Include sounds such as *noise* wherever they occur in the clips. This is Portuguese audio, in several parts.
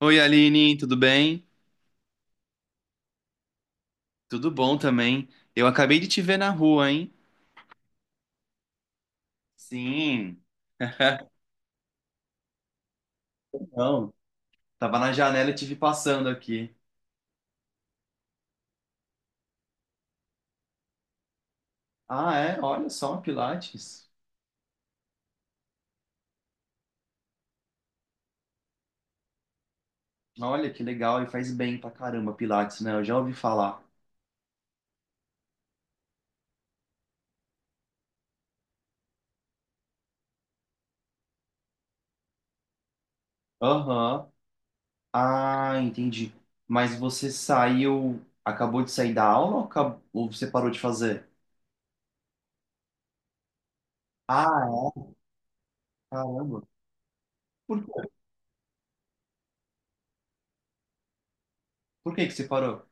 Oi, Aline, tudo bem? Tudo bom também. Eu acabei de te ver na rua, hein? Sim. *laughs* Não, tava na janela e te vi passando aqui. Ah, é? Olha só, Pilates. Olha que legal, e faz bem pra caramba, Pilates, né? Eu já ouvi falar. Aham. Ah, entendi. Mas você saiu, acabou de sair da aula ou, ou você parou de fazer? Ah, é? Caramba. Por quê? Por que que você parou?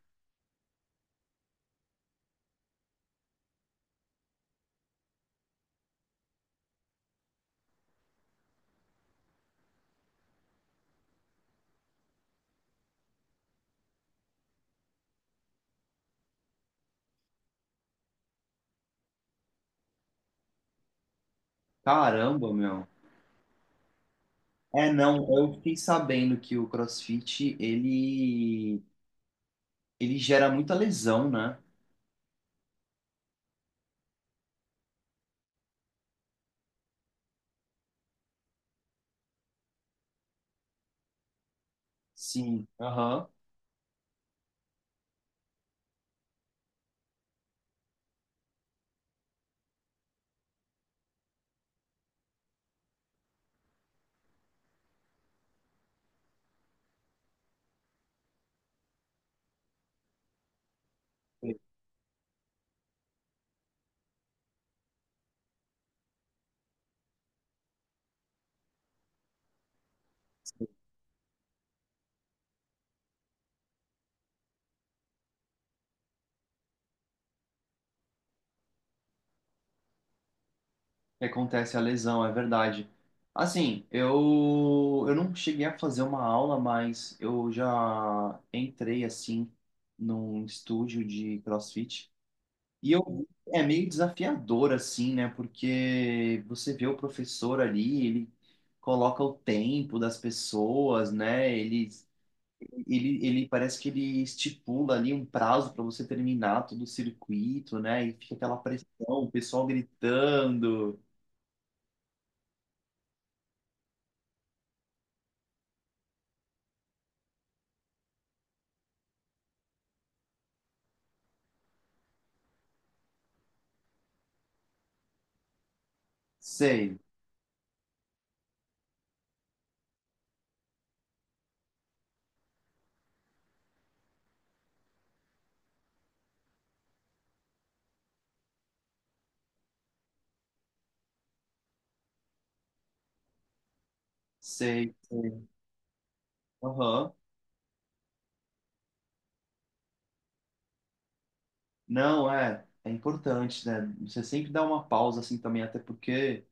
Caramba, meu. É, não, eu fiquei sabendo que o CrossFit, ele gera muita lesão, né? Sim, aham. Que acontece a lesão, é verdade. Assim, eu não cheguei a fazer uma aula, mas eu já entrei, assim, num estúdio de CrossFit. E eu, É meio desafiador, assim, né? Porque você vê o professor ali, ele coloca o tempo das pessoas, né? Ele parece que ele estipula ali um prazo para você terminar todo o circuito, né? E fica aquela pressão, o pessoal gritando. Sei, sei. Aham. Não, é importante, né? Você sempre dá uma pausa assim também, até porque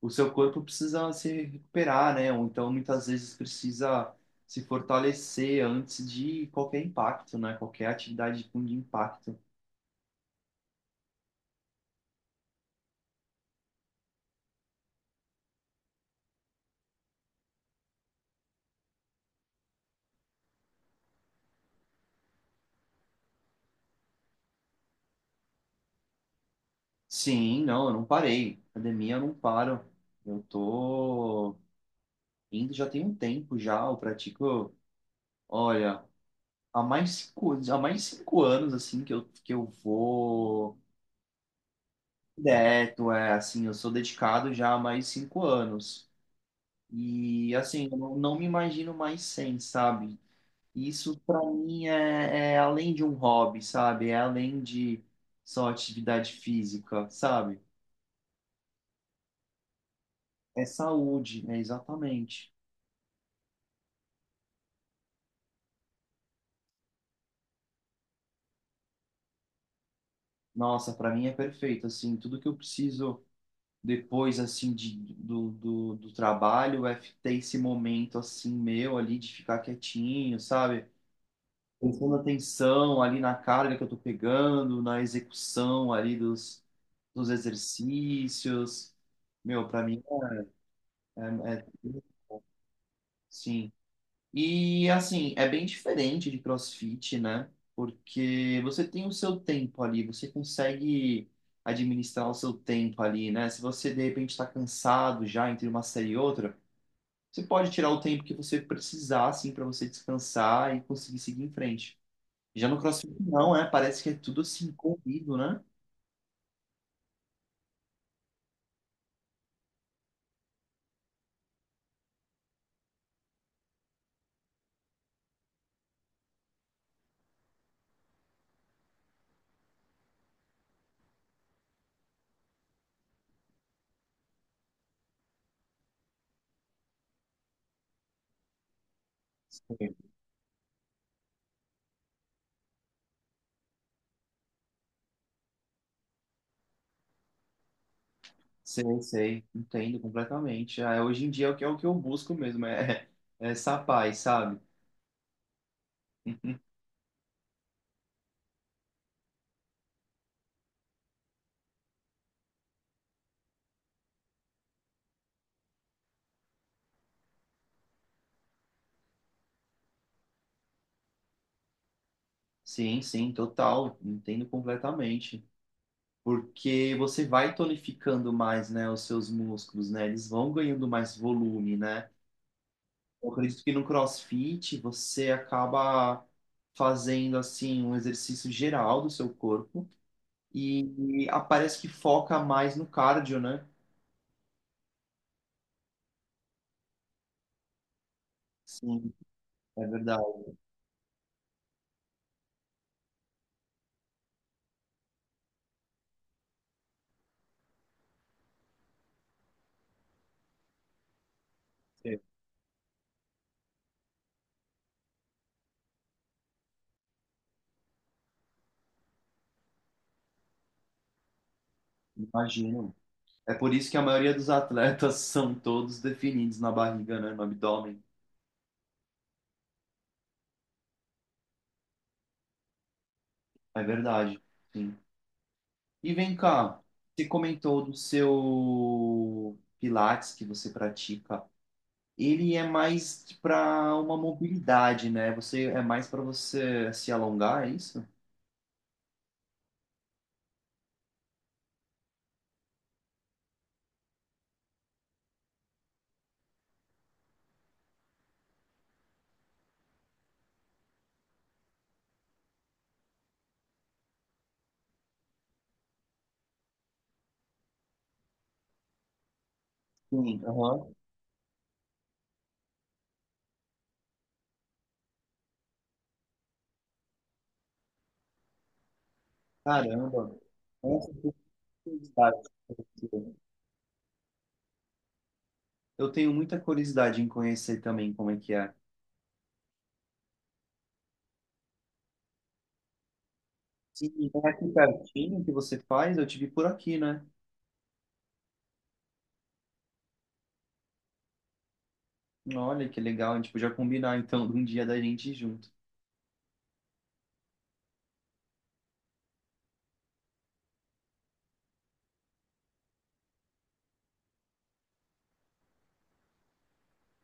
o seu corpo precisa se recuperar, né? Ou então muitas vezes precisa se fortalecer antes de qualquer impacto, né? Qualquer atividade com impacto. Sim, não, eu não parei. Academia eu não paro. Eu tô indo já tem um tempo já, eu pratico, olha, há mais de cinco anos, assim, que eu vou direto, é, assim, eu sou dedicado já há mais de cinco anos. E, assim, eu não me imagino mais sem, sabe? Isso, para mim, é, é além de um hobby, sabe? É além de só atividade física, sabe? É saúde, né? Exatamente. Nossa, para mim é perfeito, assim, tudo que eu preciso depois assim do trabalho é ter esse momento assim meu ali de ficar quietinho, sabe? Prestando atenção ali na carga que eu tô pegando, na execução ali dos exercícios. Meu, pra mim é, é, sim. E assim, é bem diferente de CrossFit, né? Porque você tem o seu tempo ali, você consegue administrar o seu tempo ali, né? Se você de repente está cansado já entre uma série e outra, você pode tirar o tempo que você precisar, assim, para você descansar e conseguir seguir em frente. Já no CrossFit não, é, parece que é tudo assim, corrido, né? Sim. Sei, sei, entendo completamente. Ah, hoje em dia é o que, eu busco mesmo, é, *laughs* é essa paz, sabe? *laughs* Sim, sim, total, entendo completamente. Porque você vai tonificando mais, né, os seus músculos, né? Eles vão ganhando mais volume, né? Eu acredito que no CrossFit você acaba fazendo assim um exercício geral do seu corpo e parece que foca mais no cardio, né? Sim, é verdade. É, imagino. É por isso que a maioria dos atletas *laughs* são todos definidos na barriga, né? No abdômen. É verdade. Sim. E vem cá, você comentou do seu Pilates que você pratica, ele é mais para uma mobilidade, né? Você é mais para você se alongar, é isso? Sim, aham. Caramba. Nossa, que curiosidade. Eu tenho muita curiosidade em conhecer também como é que é. Sim, é aqui pertinho que você faz, eu tive por aqui, né? Olha que legal, a gente podia combinar então de um dia da gente ir junto.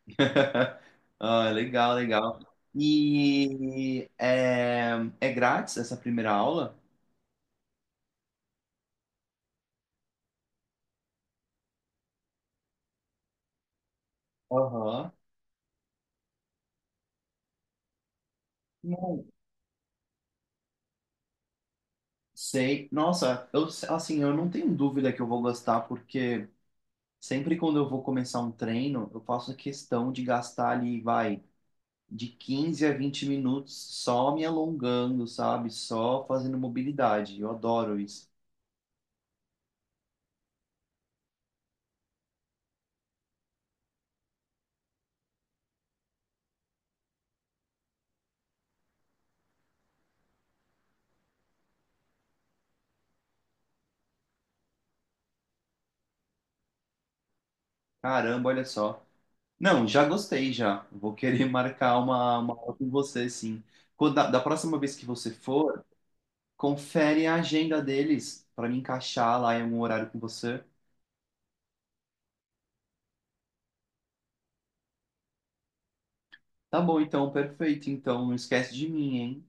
*laughs* Ah, legal, legal. E é, é grátis essa primeira aula? Aham. Sei. Nossa, eu, assim, eu não tenho dúvida que eu vou gostar, porque sempre quando eu vou começar um treino, eu faço questão de gastar ali, vai, de 15 a 20 minutos só me alongando, sabe? Só fazendo mobilidade. Eu adoro isso. Caramba, olha só. Não, já gostei já. Vou querer *laughs* marcar uma aula com você, sim. Quando, da próxima vez que você for, confere a agenda deles para me encaixar lá em algum horário com você. Tá bom, então, perfeito. Então, não esquece de mim, hein?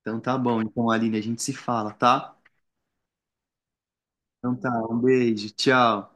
Então tá bom. Então, Aline, a gente se fala, tá? Então tá, um beijo, tchau.